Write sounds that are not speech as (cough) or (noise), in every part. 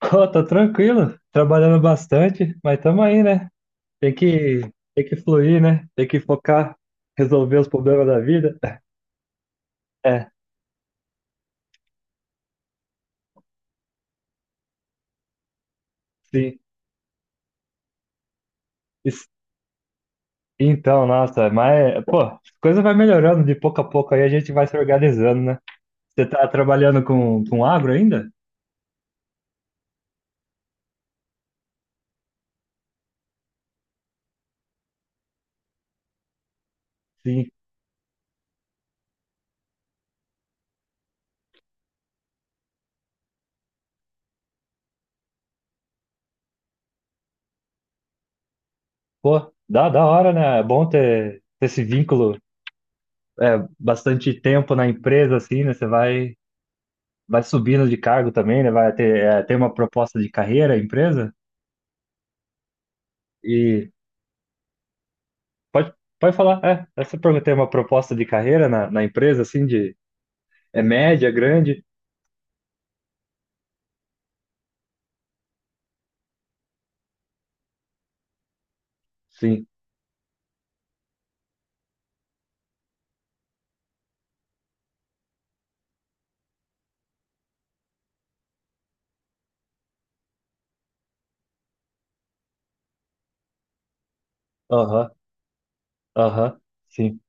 Pô, tô tranquilo, trabalhando bastante, mas tamo aí, né? Tem que, tem que fluir, né? Tem que focar, resolver os problemas da vida. É, sim. Isso- Então, nossa, mas, pô, as coisas vai melhorando de pouco a pouco aí, a gente vai se organizando, né? Você tá trabalhando com agro ainda? Sim. Pô, da hora, né? É bom ter esse vínculo, é, bastante tempo na empresa, assim, né? Vai subindo de cargo também, né? Vai ter, é, tem uma proposta de carreira, a empresa. Pode, pode falar. É, essa pergunta tem uma proposta de carreira na empresa, assim, de é média, grande? Sim. Aham, aham, sim,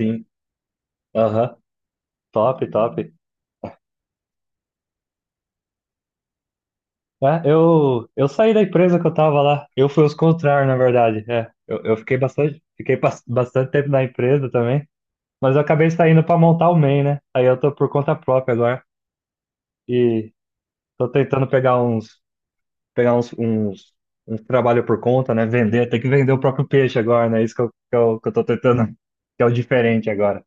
sim, aham. Top, top. É, eu saí da empresa que eu tava lá. Eu fui os contrários, na verdade. É, eu fiquei bastante tempo na empresa também, mas eu acabei saindo para montar o MEI, né? Aí eu tô por conta própria agora e tô tentando pegar uns, uns, uns trabalho por conta, né? Vender, tem que vender o próprio peixe agora, né? Isso que eu tô tentando, (laughs) que é o diferente agora.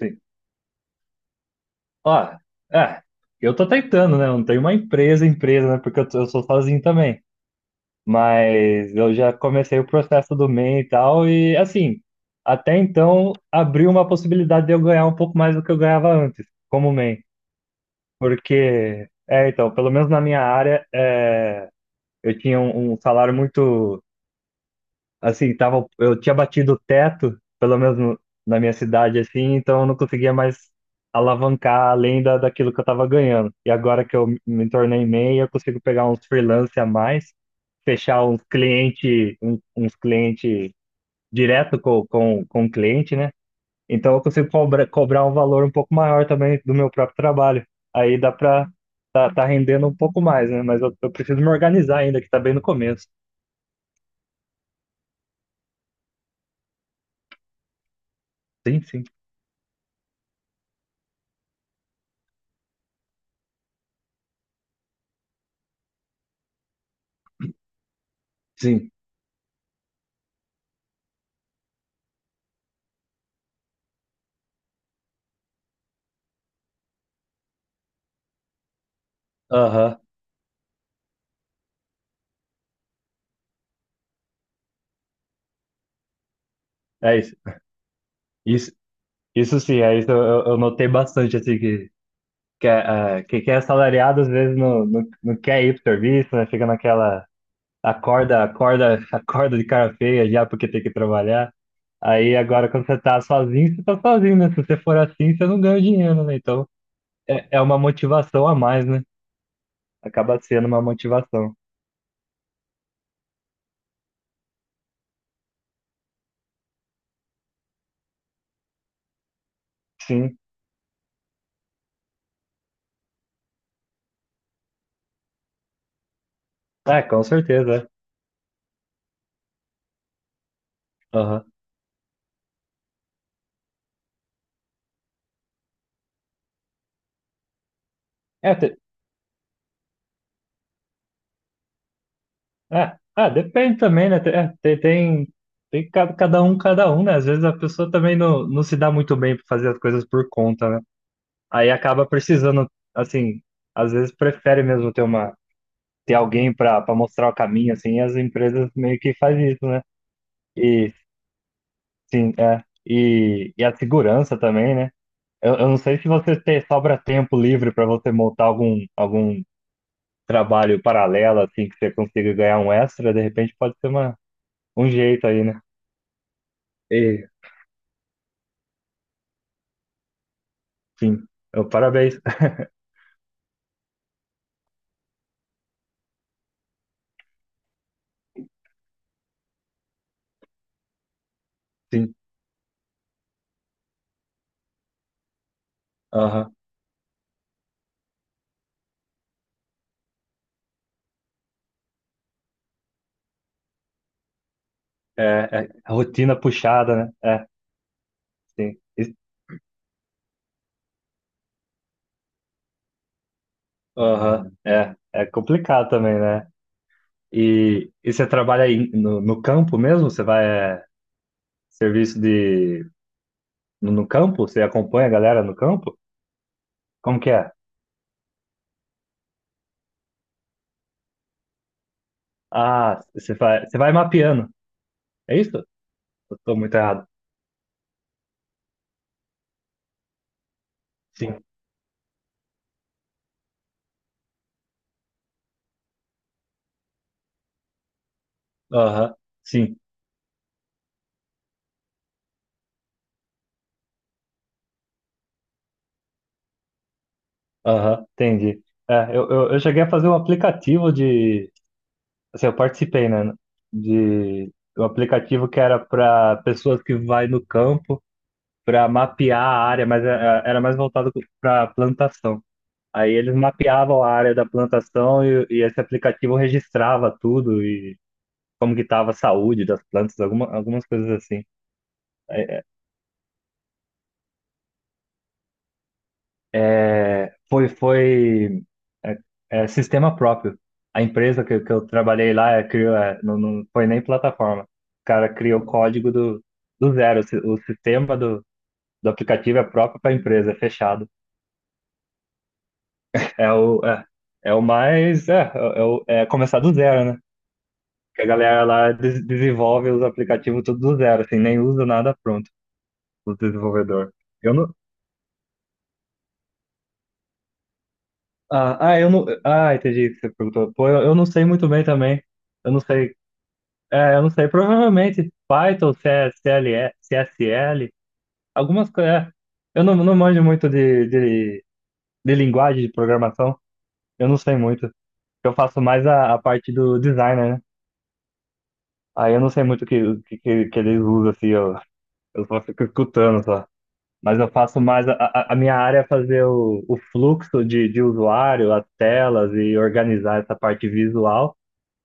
Sim. Ó, é, eu tô tentando, né? Eu não tenho uma empresa, né? Porque eu sou sozinho também. Mas eu já comecei o processo do MEI e M e tal, e assim, até então abriu uma possibilidade de eu ganhar um pouco mais do que eu ganhava antes, como MEI. Porque, é, então, pelo menos na minha área, é, eu tinha um salário muito assim, tava, eu tinha batido o teto, pelo menos na minha cidade, assim, então eu não conseguia mais alavancar além daquilo que eu tava ganhando. E agora que eu me tornei MEI, eu consigo pegar uns freelance a mais, fechar uns cliente direto com o cliente, né? Então eu consigo cobrar um valor um pouco maior também do meu próprio trabalho. Aí dá pra tá rendendo um pouco mais, né? Mas eu preciso me organizar ainda, que tá bem no começo. Sim, sim. Sim. Aham. É isso. Isso, isso sim, é isso eu eu notei bastante, assim, é, ah, que é assalariado às vezes não quer ir pro serviço, né? Fica naquela (laughs) acorda de cara feia já porque tem que trabalhar. Aí agora quando você tá sozinho, né? Se você for assim, você não ganha dinheiro, né? Então é, é uma motivação a mais, né? Acaba sendo uma motivação. Sim, é, com certeza. É. Aham. É, te- É, ah, depende também, né? Tem, é, cada um, né? Às vezes a pessoa também não se dá muito bem para fazer as coisas por conta, né? Aí acaba precisando, assim, às vezes prefere mesmo ter uma, ter alguém para mostrar o caminho, assim, e as empresas meio que fazem isso, né? E sim, é. E a segurança também, né? Eu não sei se você tem, sobra tempo livre para você montar algum trabalho paralelo, assim, que você consiga ganhar um extra, de repente pode ser uma, um jeito aí, né? Sim. Eu, parabéns. (laughs) Sim. Aham. É, é rotina puxada, né? É, sim. Isso- Aham. É, é complicado também, né? E você trabalha aí no campo mesmo? Você vai é, serviço de no campo? Você acompanha a galera no campo? Como que é? Ah, você vai mapeando. É isso? Eu tô muito errado. Sim. Aham. Sim. Aham. Entendi. É, eu cheguei a fazer um aplicativo de assim, eu participei, né, de um aplicativo que era para pessoas que vai no campo para mapear a área, mas era mais voltado para plantação. Aí eles mapeavam a área da plantação e esse aplicativo registrava tudo e como que estava a saúde das plantas, alguma, algumas coisas assim. É, foi é, é sistema próprio. A empresa que eu trabalhei lá é, criou, é, não foi nem plataforma. O cara criou o código do zero. O sistema do aplicativo é próprio para a empresa, é fechado. É o, é, é o mais. É, é, é começar do zero, né? Que a galera lá desenvolve os aplicativos tudo do zero, assim, nem usa nada pronto, o desenvolvedor. Eu não. Eu não. Ah, entendi o que você perguntou. Pô, eu não sei muito bem também. Eu não sei É, eu não sei, provavelmente Python, C, CLE, C, S, L, algumas coisas. É. Eu não, não manjo muito de linguagem de programação, eu não sei muito. Eu faço mais a parte do designer, né? Aí eu não sei muito que eles usam, assim, eu só fico escutando só. Mas eu faço mais. A minha área é fazer o fluxo de usuário, as telas e organizar essa parte visual.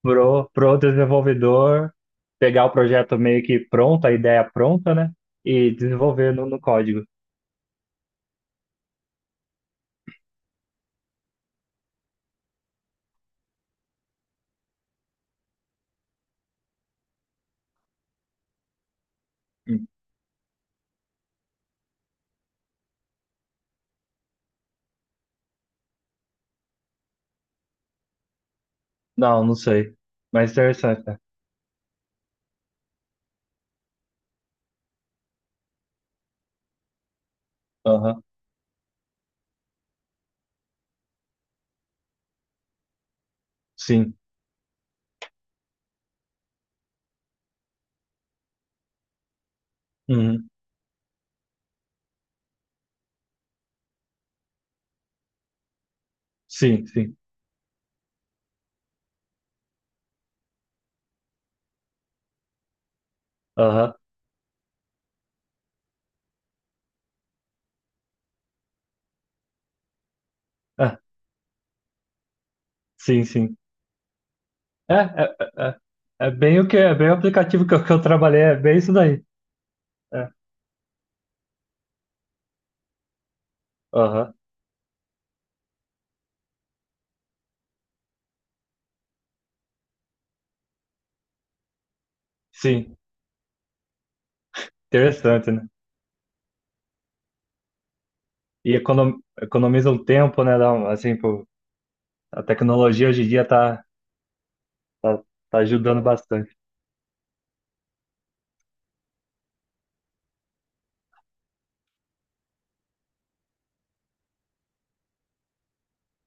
Pro pro desenvolvedor pegar o projeto meio que pronto, a ideia pronta, né? E desenvolver no código. Hum. Não, não sei. Mas interessante, né? Aham. Sim. Uhum. Sim, sim. Aham. Ah, sim, sim. É É bem o que, é bem o aplicativo que eu trabalhei, é bem isso daí. É. Aham. Sim. Interessante, né? E economiza um tempo, né? Dá um- assim, pô, a tecnologia hoje em dia tá, tá ajudando bastante.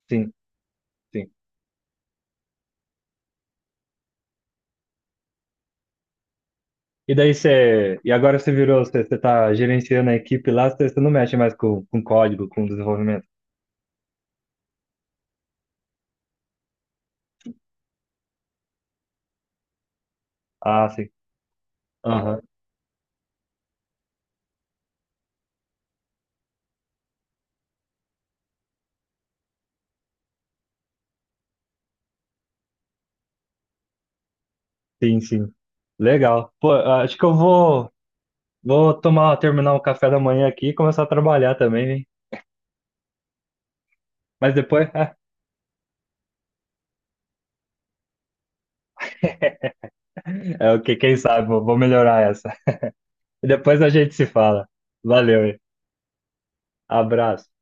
Sim, sim. E daí você. E agora você virou, você tá gerenciando a equipe lá, você não mexe mais com código, com desenvolvimento. Ah, sim. Aham. Sim, sim. Legal. Pô, acho que vou tomar, terminar o café da manhã aqui e começar a trabalhar também, hein? Mas depois, (laughs) é o que, quem sabe, vou melhorar essa. E depois a gente se fala. Valeu, hein? Abraço.